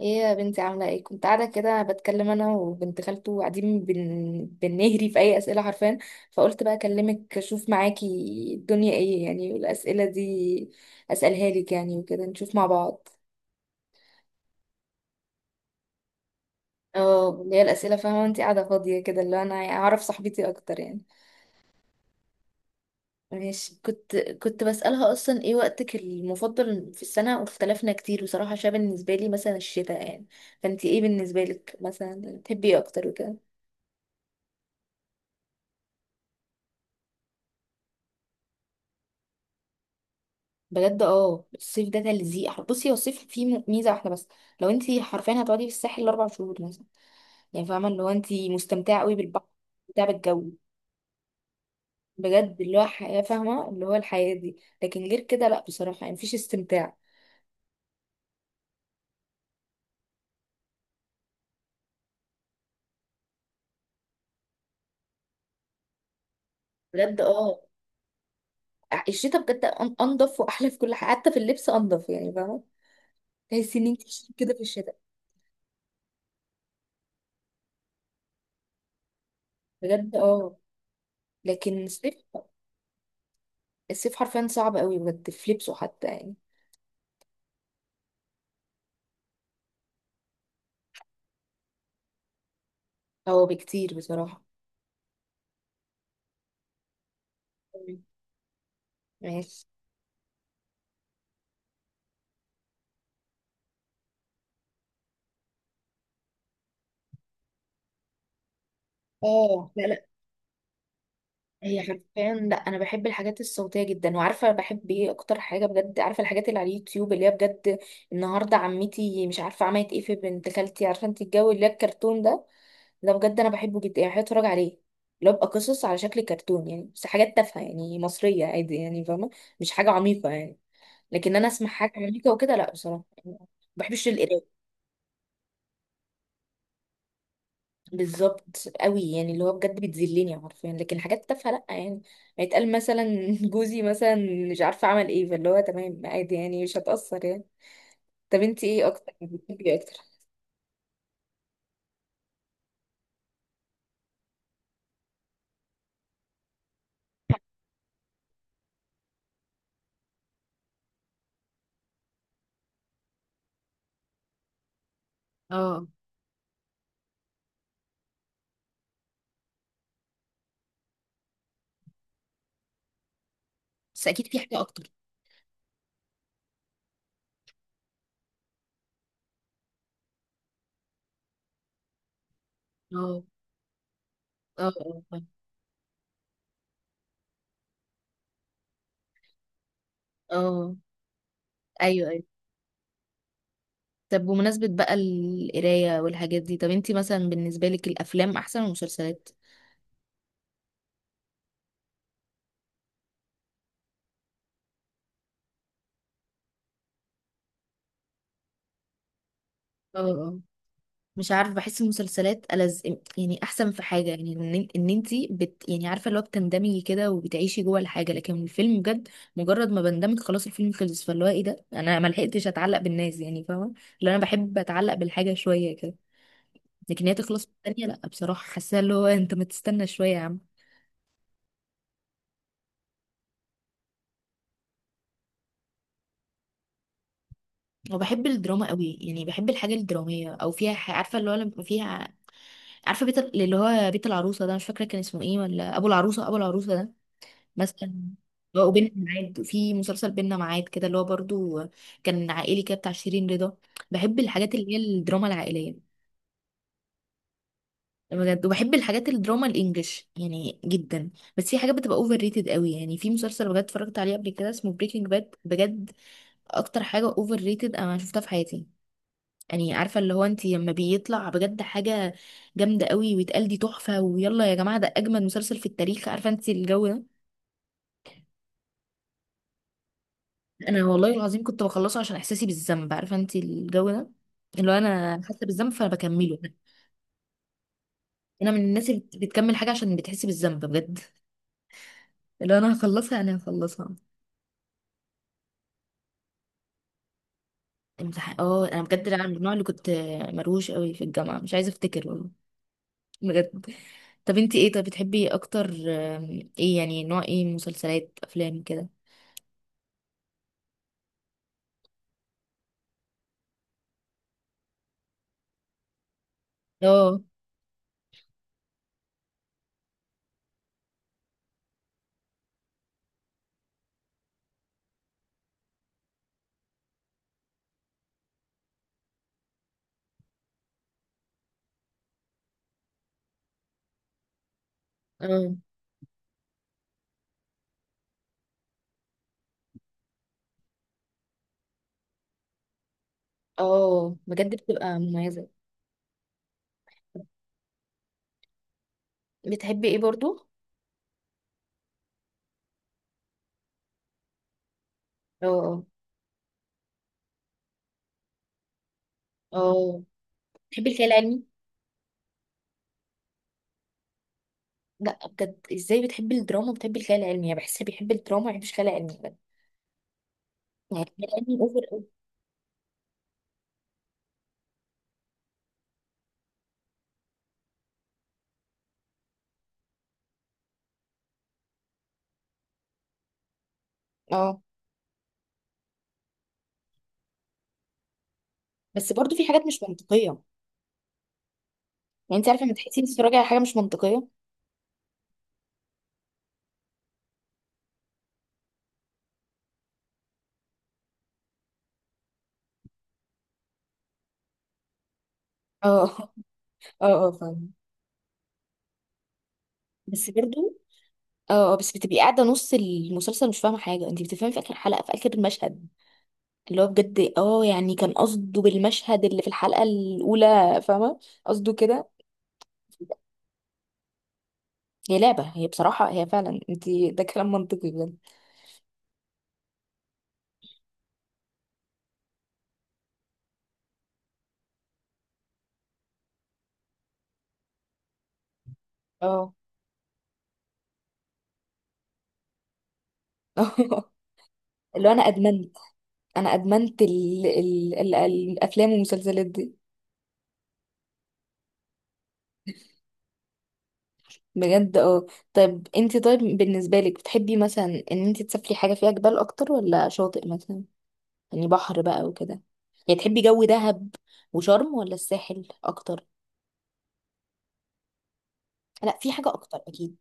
ايه يا بنتي، عاملة ايه؟ كنت قاعدة كده بتكلم انا وبنت خالته وقاعدين بنهري في اي اسئلة حرفيا. فقلت بقى اكلمك اشوف معاكي الدنيا ايه يعني، والاسئلة دي اسألها لك يعني وكده نشوف مع بعض. اه، اللي هي الاسئلة. فاهمة انت قاعدة فاضية كده اللي انا اعرف صاحبتي اكتر يعني. ماشي. كنت بسألها أصلا إيه وقتك المفضل في السنة، واختلفنا كتير بصراحة عشان بالنسبة لي مثلا الشتاء يعني. فأنتي إيه بالنسبة لك مثلا؟ تحبي إيه أكتر وكده؟ بجد اه، الصيف ده تلزيق. بصي، هو الصيف فيه ميزه واحده بس. لو انت حرفيا هتقعدي في الساحل الاربع شهور مثلا، يعني فاهمه اللي هو انت مستمتعه قوي بالبحر، مستمتعه بالجو. بجد اللي هو حياه، فاهمه اللي هو الحياه دي. لكن غير كده لا بصراحه، يعني مفيش استمتاع. بجد اه، الشتاء بجد انضف واحلى في كل حاجه، حتى في اللبس انضف يعني، فاهمه؟ تحسي ان انت شيك كده في الشتاء. بجد اه. لكن الصيف، الصيف حرفيا صعب قوي بجد في لبسه حتى يعني. هو بكتير بصراحه. ماشي. اه، لا لا. هي حرفيا لا، انا بحب الحاجات الصوتيه جدا، وعارفه بحب ايه اكتر حاجه؟ بجد عارفه الحاجات اللي على اليوتيوب اللي هي بجد النهارده عمتي مش عارفه عملت ايه في بنت خالتي، عارفه انت الجو اللي هي الكرتون ده، ده بجد انا بحبه جدا يعني، بحب اتفرج عليه. اللي هو بيبقى قصص على شكل كرتون يعني، بس حاجات تافهه يعني مصريه عادي يعني، فاهمه؟ مش حاجه عميقه يعني. لكن انا اسمع حاجه عميقه وكده لا بصراحه، يعني ما بحبش القرايه. بالظبط قوي، يعني اللي هو بجد بتذلني حرفيا، لكن حاجات تافهه لا يعني. هيتقال مثلا جوزي مثلا مش عارفه عمل ايه، فاللي هو تمام عادي يعني، مش هتأثر يعني. طب انتي ايه اكتر يعني؟ بتحبي ايه اكتر؟ اه. بس اكيد في حاجه اكتر. اه، اه اه فاهمة. اه. ايوه ايوه. طب بمناسبه بقى القرايه والحاجات دي، طب انتي مثلا بالنسبه لك الافلام احسن ولا المسلسلات؟ اه، مش عارف بحس المسلسلات ألز، يعني احسن في حاجه يعني ان انت بت، يعني عارفه اللي هو بتندمجي كده وبتعيشي جوه الحاجه. لكن الفيلم بجد، مجرد ما بندمج خلاص الفيلم خلص، فاللي هو ايه ده؟ انا ما لحقتش اتعلق بالناس يعني، فاهمه؟ اللي انا بحب اتعلق بالحاجه شويه كده، لكن هي تخلص في الثانيه، لا بصراحه حاسه اللي هو انت ما تستنى شويه يا عم. وبحب الدراما قوي يعني، بحب الحاجه الدراميه او فيها عارفه اللي هو لما فيها، عارفه اللي هو بيت العروسه ده مش فاكره كان اسمه ايه، ولا ابو العروسه؟ ابو العروسه ده مثلا. هو، وبيننا معاد، في مسلسل بيننا معاد كده اللي هو برضو كان عائلي كده بتاع شيرين رضا. بحب الحاجات اللي هي الدراما العائلية. بجد. وبحب الحاجات الدراما الانجليش يعني جدا، بس في حاجات بتبقى اوفر ريتد قوي. يعني في مسلسل بجد اتفرجت عليه قبل كده اسمه بريكنج باد، بجد اكتر حاجة اوفر ريتد انا شفتها في حياتي. يعني عارفة اللي هو انت لما بيطلع بجد حاجة جامدة قوي ويتقال دي تحفة، ويلا يا جماعة ده اجمد مسلسل في التاريخ، عارفة انت الجو ده. انا والله العظيم كنت بخلصه عشان احساسي بالذنب، عارفه انت الجو ده. اللي هو انا حاسه بالذنب فانا بكمله. انا من الناس اللي بتكمل حاجه عشان بتحس بالذنب بجد. اللي هو انا هخلصها، انا هخلصها. امتحان اه، انا بجد انا من النوع اللي كنت مروش قوي في الجامعه، مش عايزه افتكر والله. بجد. طب انت ايه؟ طب بتحبي اكتر ايه يعني؟ نوع ايه؟ مسلسلات، افلام كده؟ اه. اه اه. بجد بتبقى مميزه. بتحبي ايه برضو؟ اه. اه. بتحبي الخيال العلمي؟ لا بجد، ازاي بتحبي الدراما وبتحبي الخيال العلمي؟ يعني بحسها بيحب الدراما ما بيحبش الخيال العلمي بجد. يعني الخيال العلمي اوفر أوي. اه. بس برضو في حاجات مش منطقيه. يعني انت عارفه لما تحسي انت بتتفرجي على حاجه مش منطقيه. اه اه اه فاهمه. بس برضو. اه، بس بتبقي قاعده نص المسلسل مش فاهمه حاجه، انت بتفهمي في اخر حلقه في اخر المشهد اللي هو بجد اه يعني كان قصده بالمشهد اللي في الحلقه الاولى، فاهمه قصده كده. هي لعبه. هي بصراحه هي فعلا انت، ده كلام منطقي بجد. اه اللي هو انا ادمنت، انا ادمنت ال ال ال الافلام والمسلسلات دي. بجد اه. طيب انت؟ طيب بالنسبه لك بتحبي مثلا ان انت تسافري حاجه فيها جبال اكتر ولا شاطئ مثلا؟ يعني بحر بقى وكده، يعني تحبي جو دهب وشرم ولا الساحل اكتر؟ لا، في حاجه اكتر اكيد.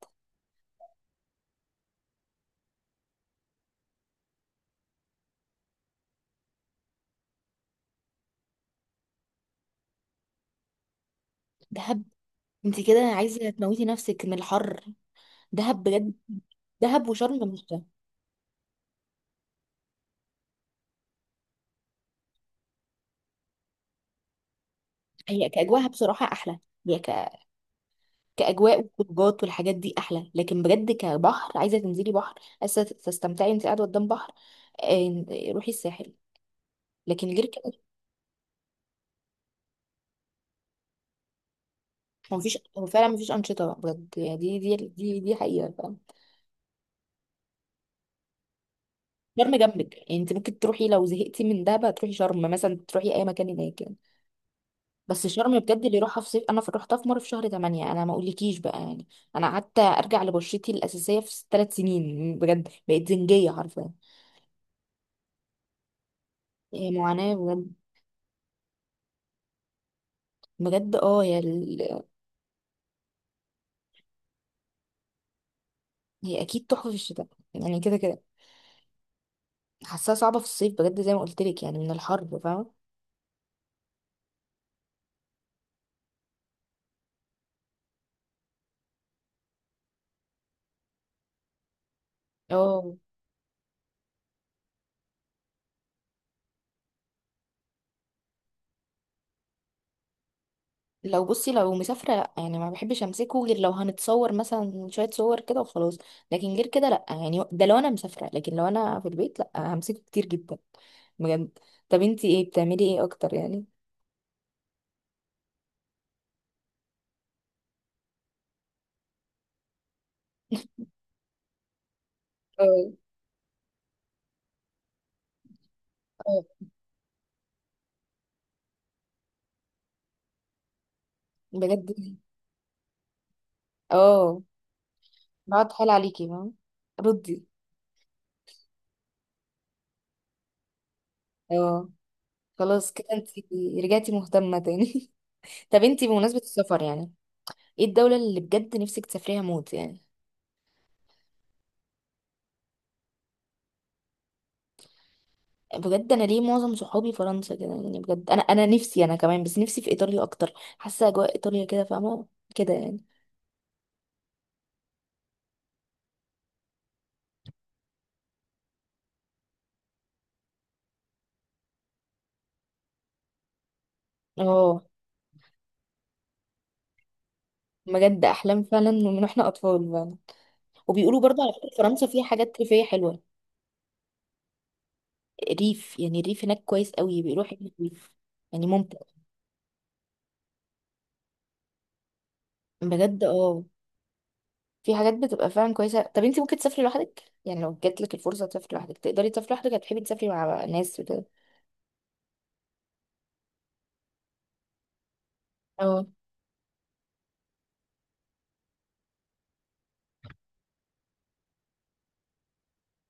دهب؟ انت كده عايزه تموتي نفسك من الحر. دهب بجد؟ دهب وشرم، مش ده. هي كاجواها بصراحه احلى. هي كأجواء وخروجات والحاجات دي أحلى، لكن بجد كبحر عايزة تنزلي بحر، عايزة تستمتعي انت قاعدة قدام بحر. آه، روحي الساحل. لكن غير كده. هو مفيش، هو فعلا مفيش أنشطة بجد يعني، دي حقيقة فعلا. شرم جنبك يعني، انت ممكن تروحي لو زهقتي من دهب تروحي شرم مثلا، تروحي أي مكان هناك يعني. بس شرم بجد اللي راحها في صيف، أنا رحتها في مرة في شهر 8، أنا ما أقولكيش بقى يعني. أنا قعدت أرجع لبشرتي الأساسية في ثلاث سنين، بجد بقيت زنجية حرفيا. إيه، معاناة بجد. بجد اه. هي اكيد تحفه في الشتاء يعني، كده كده. حاساها صعبه في الصيف بجد زي ما قلت لك يعني، من الحر فاهمه. اه. لو بصي، لو مسافره لا يعني ما بحبش امسكه، غير لو هنتصور مثلا شويه صور كده وخلاص. لكن غير كده لا يعني، ده لو انا مسافره. لكن لو انا في البيت لا، همسكه كتير جدا بجد. طب انتي ايه؟ بتعملي ايه اكتر يعني؟ اه. اه بجد. اه، بقعد حال عليكي فاهمة. ردي. اه. خلاص كده انتي رجعتي مهتمة تاني. طب انتي بمناسبة السفر يعني، ايه الدولة اللي بجد نفسك تسافريها موت يعني؟ بجد، انا ليه معظم صحابي فرنسا كده يعني؟ بجد انا نفسي، انا كمان، بس نفسي في ايطاليا اكتر. حاسة اجواء ايطاليا كده فاهمة كده يعني. اه. بجد احلام فعلا من واحنا اطفال فعلا. وبيقولوا برضه على فكرة فرنسا فيها حاجات ريفية حلوة. ريف، يعني الريف هناك كويس قوي بيقولوا، حلو الريف يعني ممتع. بجد اه. في حاجات بتبقى فعلا كويسة. طب انت ممكن تسافري لوحدك يعني؟ لو جاتلك الفرصة تسافري لوحدك تقدري تسافري لوحدك، هتحبي تسافري مع ناس وكده؟ اه.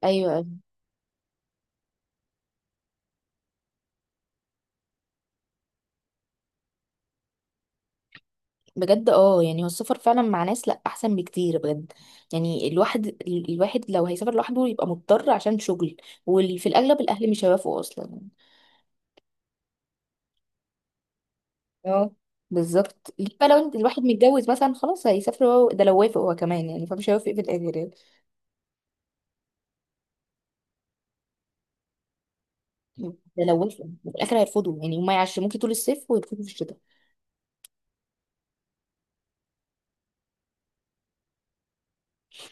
ايوه. بجد اه، يعني هو السفر فعلا مع ناس لا احسن بكتير بجد. يعني الواحد الواحد لو هيسافر لوحده يبقى مضطر عشان شغل، وفي الاغلب الاهل مش هيوافقوا اصلا. اه. بالظبط. ليه بقى لو الواحد متجوز مثلا خلاص هيسافر، هو ده لو وافق هو كمان يعني، فمش هيوافق في الاخر يعني. ده لو وافق، في الاخر هيرفضوا يعني. هما يعش ممكن طول الصيف ويرفضوا في الشتاء.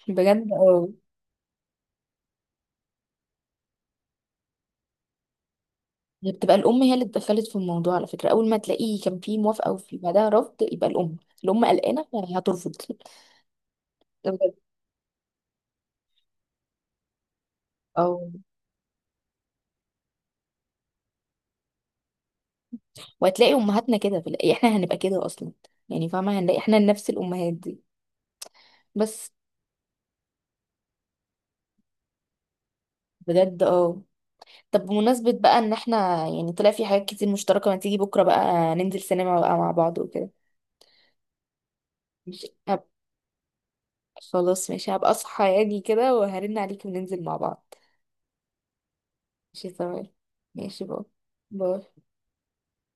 بجد اه. هي بتبقى الام هي اللي اتدخلت في الموضوع على فكره، اول ما تلاقيه كان في موافقه وفي بعدها رفض، يبقى الام. الام قلقانه يعني هترفض. بجد اه. وهتلاقي امهاتنا كده في احنا هنبقى كده اصلا يعني، فاهمه هنلاقي احنا نفس الامهات دي بس. بجد اه. طب بمناسبة بقى ان احنا يعني طلع في حاجات كتير مشتركة، ما تيجي بكرة بقى ننزل سينما بقى مع بعض وكده. مش هب... خلاص ماشي، هبقى اصحى يعني كده وهرن عليك وننزل مع بعض. ماشي تمام. ماشي، باي. باي.